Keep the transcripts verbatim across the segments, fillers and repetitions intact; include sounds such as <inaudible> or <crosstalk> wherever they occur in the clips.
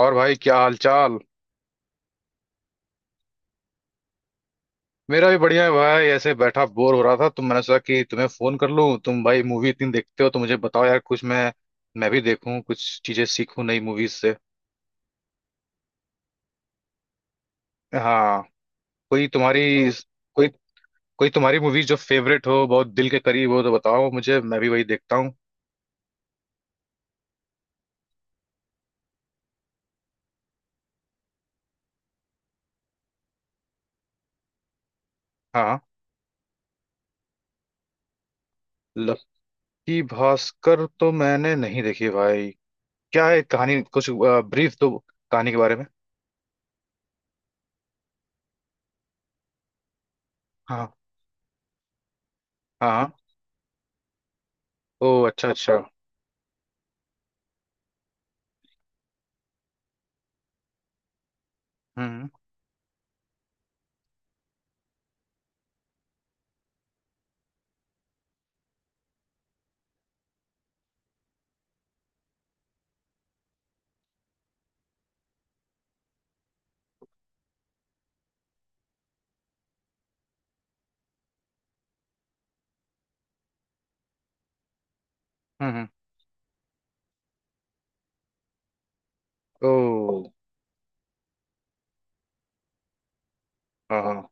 और भाई, क्या हाल चाल। मेरा भी बढ़िया है भाई। ऐसे बैठा बोर हो रहा था तो मैंने सोचा कि तुम्हें फोन कर लूं। तुम भाई मूवी इतनी देखते हो तो मुझे बताओ यार, कुछ मैं मैं भी देखूं, कुछ चीजें सीखूं नई मूवीज से। हाँ। कोई तुम्हारी तो कोई कोई तुम्हारी मूवीज जो फेवरेट हो, बहुत दिल के करीब हो, तो बताओ मुझे, मैं भी वही देखता हूँ। हाँ, लक्की भास्कर तो मैंने नहीं देखी है भाई। क्या है कहानी कुछ? ब्रीफ दो कहानी के बारे में। हाँ। हाँ। ओ, अच्छा अच्छा। हम्म। हम्म। ओ। हाँ हाँ।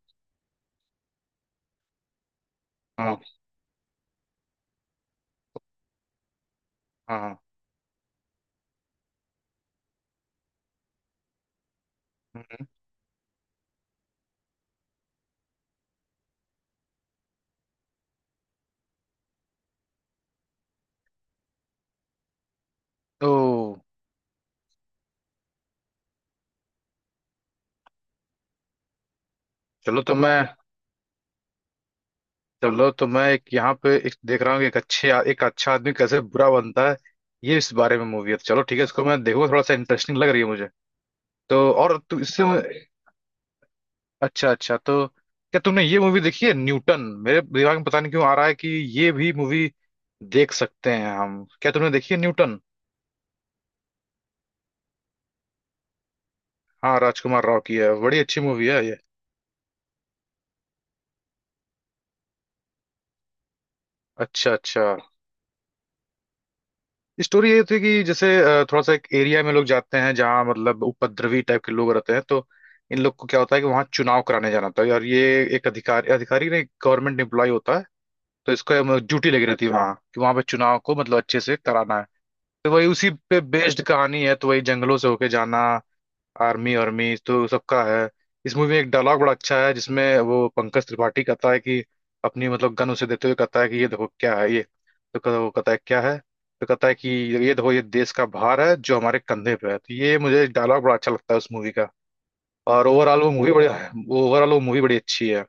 हाँ हाँ। तो चलो तो मैं चलो तो मैं एक यहाँ पे एक देख रहा हूँ कि एक अच्छे एक अच्छा आदमी कैसे बुरा बनता है। ये इस बारे में मूवी है, तो चलो ठीक है, इसको मैं देखूंगा। थोड़ा सा इंटरेस्टिंग लग रही है मुझे। तो और तू इससे, अच्छा अच्छा। तो क्या तुमने ये मूवी देखी है, न्यूटन? मेरे दिमाग में पता नहीं क्यों आ रहा है कि ये भी मूवी देख सकते हैं हम। क्या तुमने देखी है न्यूटन? हाँ, राजकुमार राव की है, बड़ी अच्छी मूवी है ये। अच्छा अच्छा। स्टोरी ये थी कि जैसे, अ, थोड़ा सा एक एरिया में लोग जाते हैं जहाँ मतलब उपद्रवी टाइप के लोग रहते हैं, तो इन लोग को क्या होता है कि वहाँ चुनाव कराने जाना होता है। और ये एक अधिकारी, अधिकारी नहीं, गवर्नमेंट एम्प्लॉय होता है। तो इसको ड्यूटी लगी रहती है वहाँ कि वहाँ पे चुनाव को मतलब अच्छे से कराना है। तो वही उसी पे बेस्ड कहानी है, तो वही जंगलों से होके जाना। आर्मी आर्मी तो सबका है। इस मूवी में एक डायलॉग बड़ा अच्छा है, जिसमें वो पंकज त्रिपाठी कहता है कि अपनी मतलब गन उसे देते हुए कहता है कि ये देखो क्या है ये। तो कहता- वो कहता है क्या है। तो कहता है कि ये देखो, ये देश का भार है जो हमारे कंधे पे है। तो ये मुझे डायलॉग बड़ा अच्छा लगता है उस मूवी का। और ओवरऑल वो मूवी बड़ी ओवरऑल वो मूवी बड़ी अच्छी है।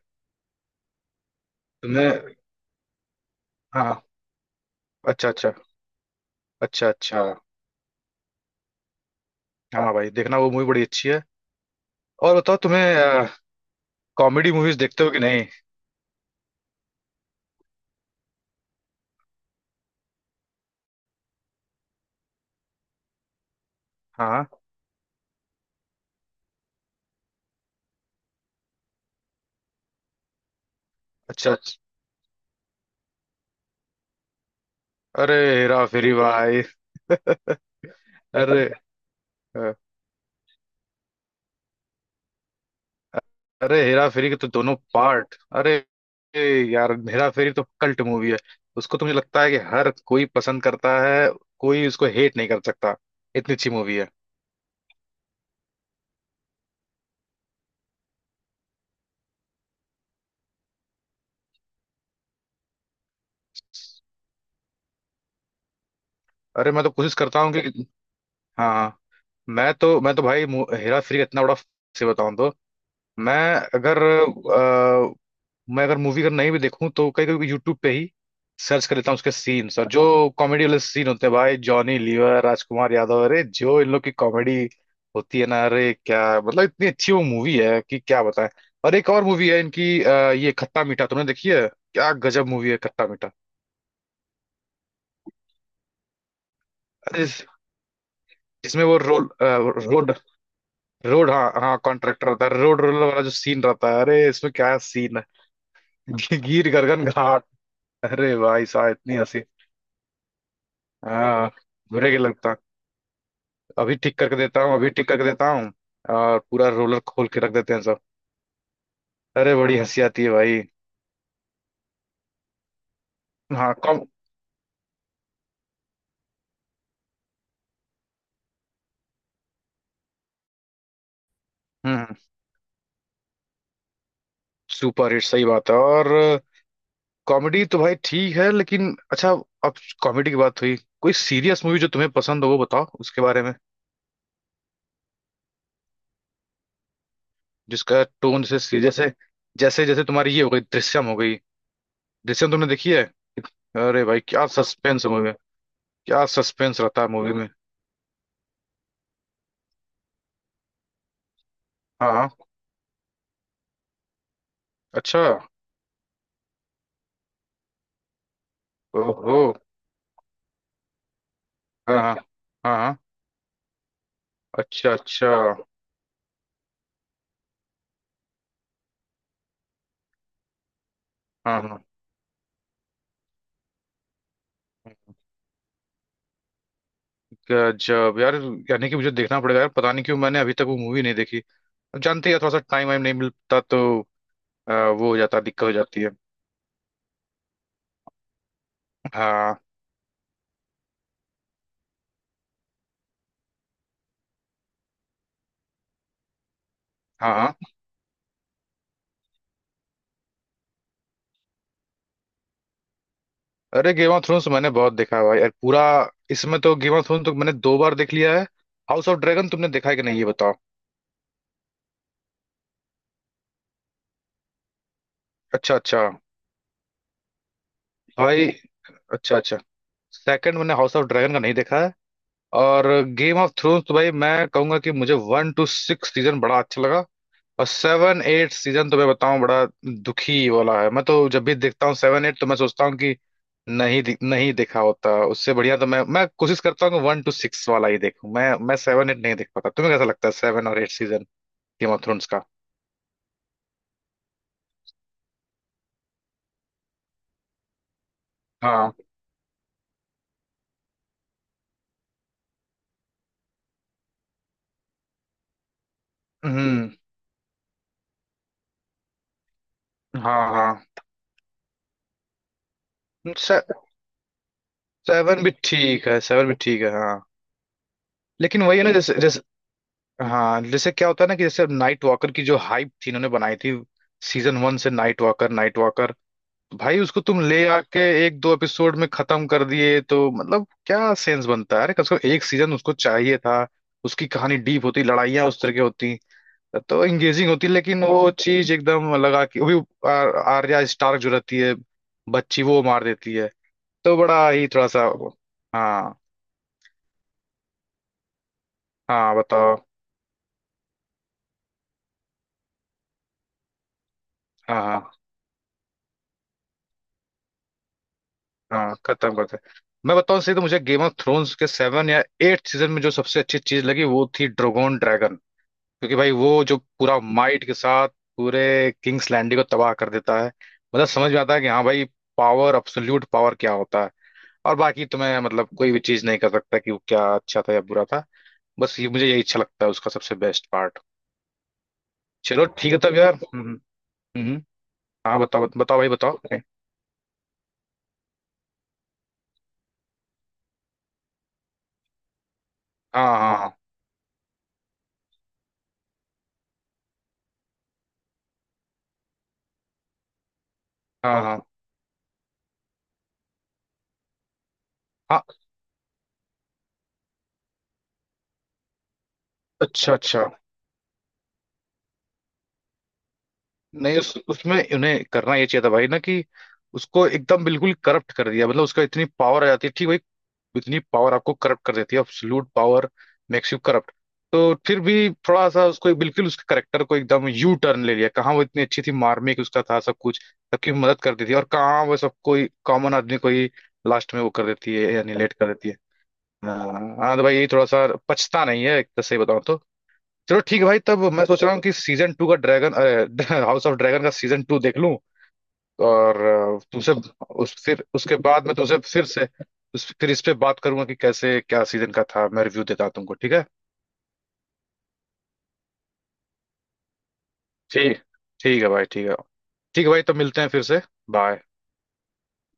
तुमने? हाँ। अच्छा अच्छा। अच्छा अच्छा। हाँ भाई, देखना, वो मूवी बड़ी अच्छी है। और बताओ तुम्हें, कॉमेडी मूवीज देखते हो कि नहीं? हाँ। अच्छा अच्छा। अरे हेरा फेरी भाई! अरे, अ, अरे हेरा फेरी के तो दोनों पार्ट। अरे ए यार, हेरा फेरी तो कल्ट मूवी है। उसको तो मुझे लगता है कि हर कोई पसंद करता है, कोई उसको हेट नहीं कर सकता, इतनी अच्छी मूवी है। अरे मैं तो कोशिश करता हूँ कि, हाँ हाँ, मैं तो मैं तो भाई मु- हेरा फेरी का इतना बड़ा से बताऊँ तो। मैं अगर, मैं अगर मूवी अगर नहीं भी देखूं तो कई कभी यूट्यूब पे ही सर्च कर लेता हूँ उसके सीन्स। और जो कॉमेडी वाले सीन होते हैं भाई, जॉनी लीवर, राजकुमार यादव, अरे जो इन लोग की कॉमेडी होती है ना, अरे क्या मतलब, इतनी अच्छी वो मूवी है कि क्या बताएं। और एक और मूवी है इनकी, अ, ये खट्टा मीठा, तुमने देखी है? क्या गजब मूवी है खट्टा मीठा! अरे इस- इसमें वो रोल, अ, रोड रोड, हाँ हाँ, कॉन्ट्रैक्टर रहता है, रोड रोलर वाला जो सीन रहता है, अरे इसमें क्या सीन है! <laughs> गिर गर्गन घाट, अरे भाई साहब, इतनी हंसी! हाँ, बुरे के लगता है। अभी ठीक करके देता हूँ अभी ठीक करके देता हूँ। और पूरा रोलर खोल के रख देते हैं सब। अरे बड़ी हंसी आती है भाई। हाँ, कॉम हम्म। सुपर हिट सही बात है। और कॉमेडी तो भाई ठीक है, लेकिन अच्छा, अब कॉमेडी की बात हुई, कोई सीरियस मूवी जो तुम्हें पसंद हो वो बताओ उसके बारे में, जिसका टोन जैसे सीरियस है। जैसे जैसे तुम्हारी ये हो गई, दृश्यम हो गई। दृश्यम तुमने देखी है? अरे भाई, क्या सस्पेंस मूवी में, क्या सस्पेंस रहता है मूवी में! हाँ हाँ। अच्छा। ओहो। हाँ हाँ। हाँ हाँ। अच्छा अच्छा। हाँ हाँ। गजब यार! यानी कि मुझे देखना पड़ेगा यार, पता नहीं क्यों मैंने अभी तक वो मूवी नहीं देखी। अब जानते हैं, थोड़ा सा टाइम वाइम नहीं मिलता, तो अ, वो हो जाता, दिक्कत हो जाती है। हाँ हाँ हाँ। अरे गेम ऑफ थ्रोन्स मैंने बहुत देखा है भाई यार, पूरा। इसमें तो गेम ऑफ थ्रोन्स तो मैंने दो बार देख लिया है। हाउस ऑफ ड्रैगन तुमने देखा है कि नहीं, ये बताओ। अच्छा अच्छा। भाई, अच्छा अच्छा। सेकंड मैंने हाउस ऑफ ड्रैगन का नहीं देखा है। और गेम ऑफ थ्रोन्स तो भाई मैं कहूंगा कि मुझे वन टू सिक्स सीजन बड़ा अच्छा लगा। और सेवन एट सीजन तो मैं बताऊं, बड़ा दुखी वाला है। मैं तो जब भी देखता हूँ सेवन एट, तो मैं सोचता हूँ कि नहीं दि- नहीं देखा होता उससे बढ़िया। तो मैं मैं कोशिश करता हूँ कि वन टू सिक्स वाला ही देखूं, मैं मैं सेवन एट नहीं देख पाता। तुम्हें कैसा लगता है सेवन और eight season Game of Thrones का? हाँ। हम्म। हाँ हाँ। से, सेवन भी ठीक है, सेवन भी ठीक है, हाँ। लेकिन वही है ना, जैसे जैसे, हाँ, जैसे क्या होता है ना कि जैसे नाइट वॉकर की जो हाइप थी इन्होंने बनाई थी सीजन वन से, नाइट वॉकर नाइट भाई उसको तुम ले आके एक दो एपिसोड में खत्म कर दिए, तो मतलब क्या सेंस बनता है? अरे कम से कम एक सीजन उसको चाहिए था। उसकी कहानी डीप होती, लड़ाइयाँ उस तरह की होती, तो एंगेजिंग होती। लेकिन वो चीज एकदम लगा कि वो भी, आर- आर्या स्टार्क जो रहती है बच्ची, वो मार देती है, तो बड़ा ही थोड़ा सा। हाँ हाँ, बताओ। हाँ हाँ हाँ, खत्म करते हैं। मैं बताऊं सही, तो मुझे गेम ऑफ थ्रोन्स के सेवन या एट सीजन में जो सबसे अच्छी चीज लगी वो थी ड्रोगोन, ड्रैगन। क्योंकि भाई वो जो पूरा माइट के साथ पूरे किंग्स लैंडिंग को तबाह कर देता है, मतलब समझ में आता है कि हाँ भाई, पावर अब्सोल्यूट पावर क्या होता है। और बाकी तुम्हें मतलब कोई भी चीज नहीं कर सकता कि वो क्या अच्छा था या बुरा था। बस ये मुझे यही अच्छा लगता है, उसका सबसे बेस्ट पार्ट। चलो ठीक है तब यार। हम्म। हम्म। हाँ बताओ, बताओ भाई बताओ। हाँ हाँ हाँ। हाँ हाँ हाँ, अच्छा अच्छा। नहीं, उस, उसमें उन्हें करना ये चाहिए था भाई, ना कि उसको एकदम बिल्कुल करप्ट कर दिया। मतलब उसका इतनी पावर आ जाती है, ठीक भाई, इतनी पावर आपको करप्ट कर देती है, absolute power makes you corrupt. तो फिर भी थोड़ा सा उसको बिल्कुल उसके करेक्टर को एकदम यू टर्न ले लिया। कहाँ वो इतनी अच्छी थी, मार्मिक उसका था सब कुछ, सबकी मदद करती थी। और कहाँ वो सब कोई कॉमन आदमी को ही लास्ट में वो कर देती है, या निलेट कर देती है। हाँ हाँ, तो भाई यही थोड़ा सा पछता नहीं है, एक तरह से बताऊँ तो। चलो ठीक है भाई, तब मैं सोच रहा हूँ कि सीजन टू का ड्रैगन हाउस ऑफ ड्रैगन <laughs> का सीजन टू देख लूं। और अ, तुमसे उस फिर उसके बाद मैं तुमसे फिर से, उस फिर इस पे बात करूंगा कि कैसे क्या सीजन का था, मैं रिव्यू देता हूं तुमको, ठीक है? ठीक ठीक है भाई, ठीक है। ठीक है भाई, तो मिलते हैं फिर से। बाय।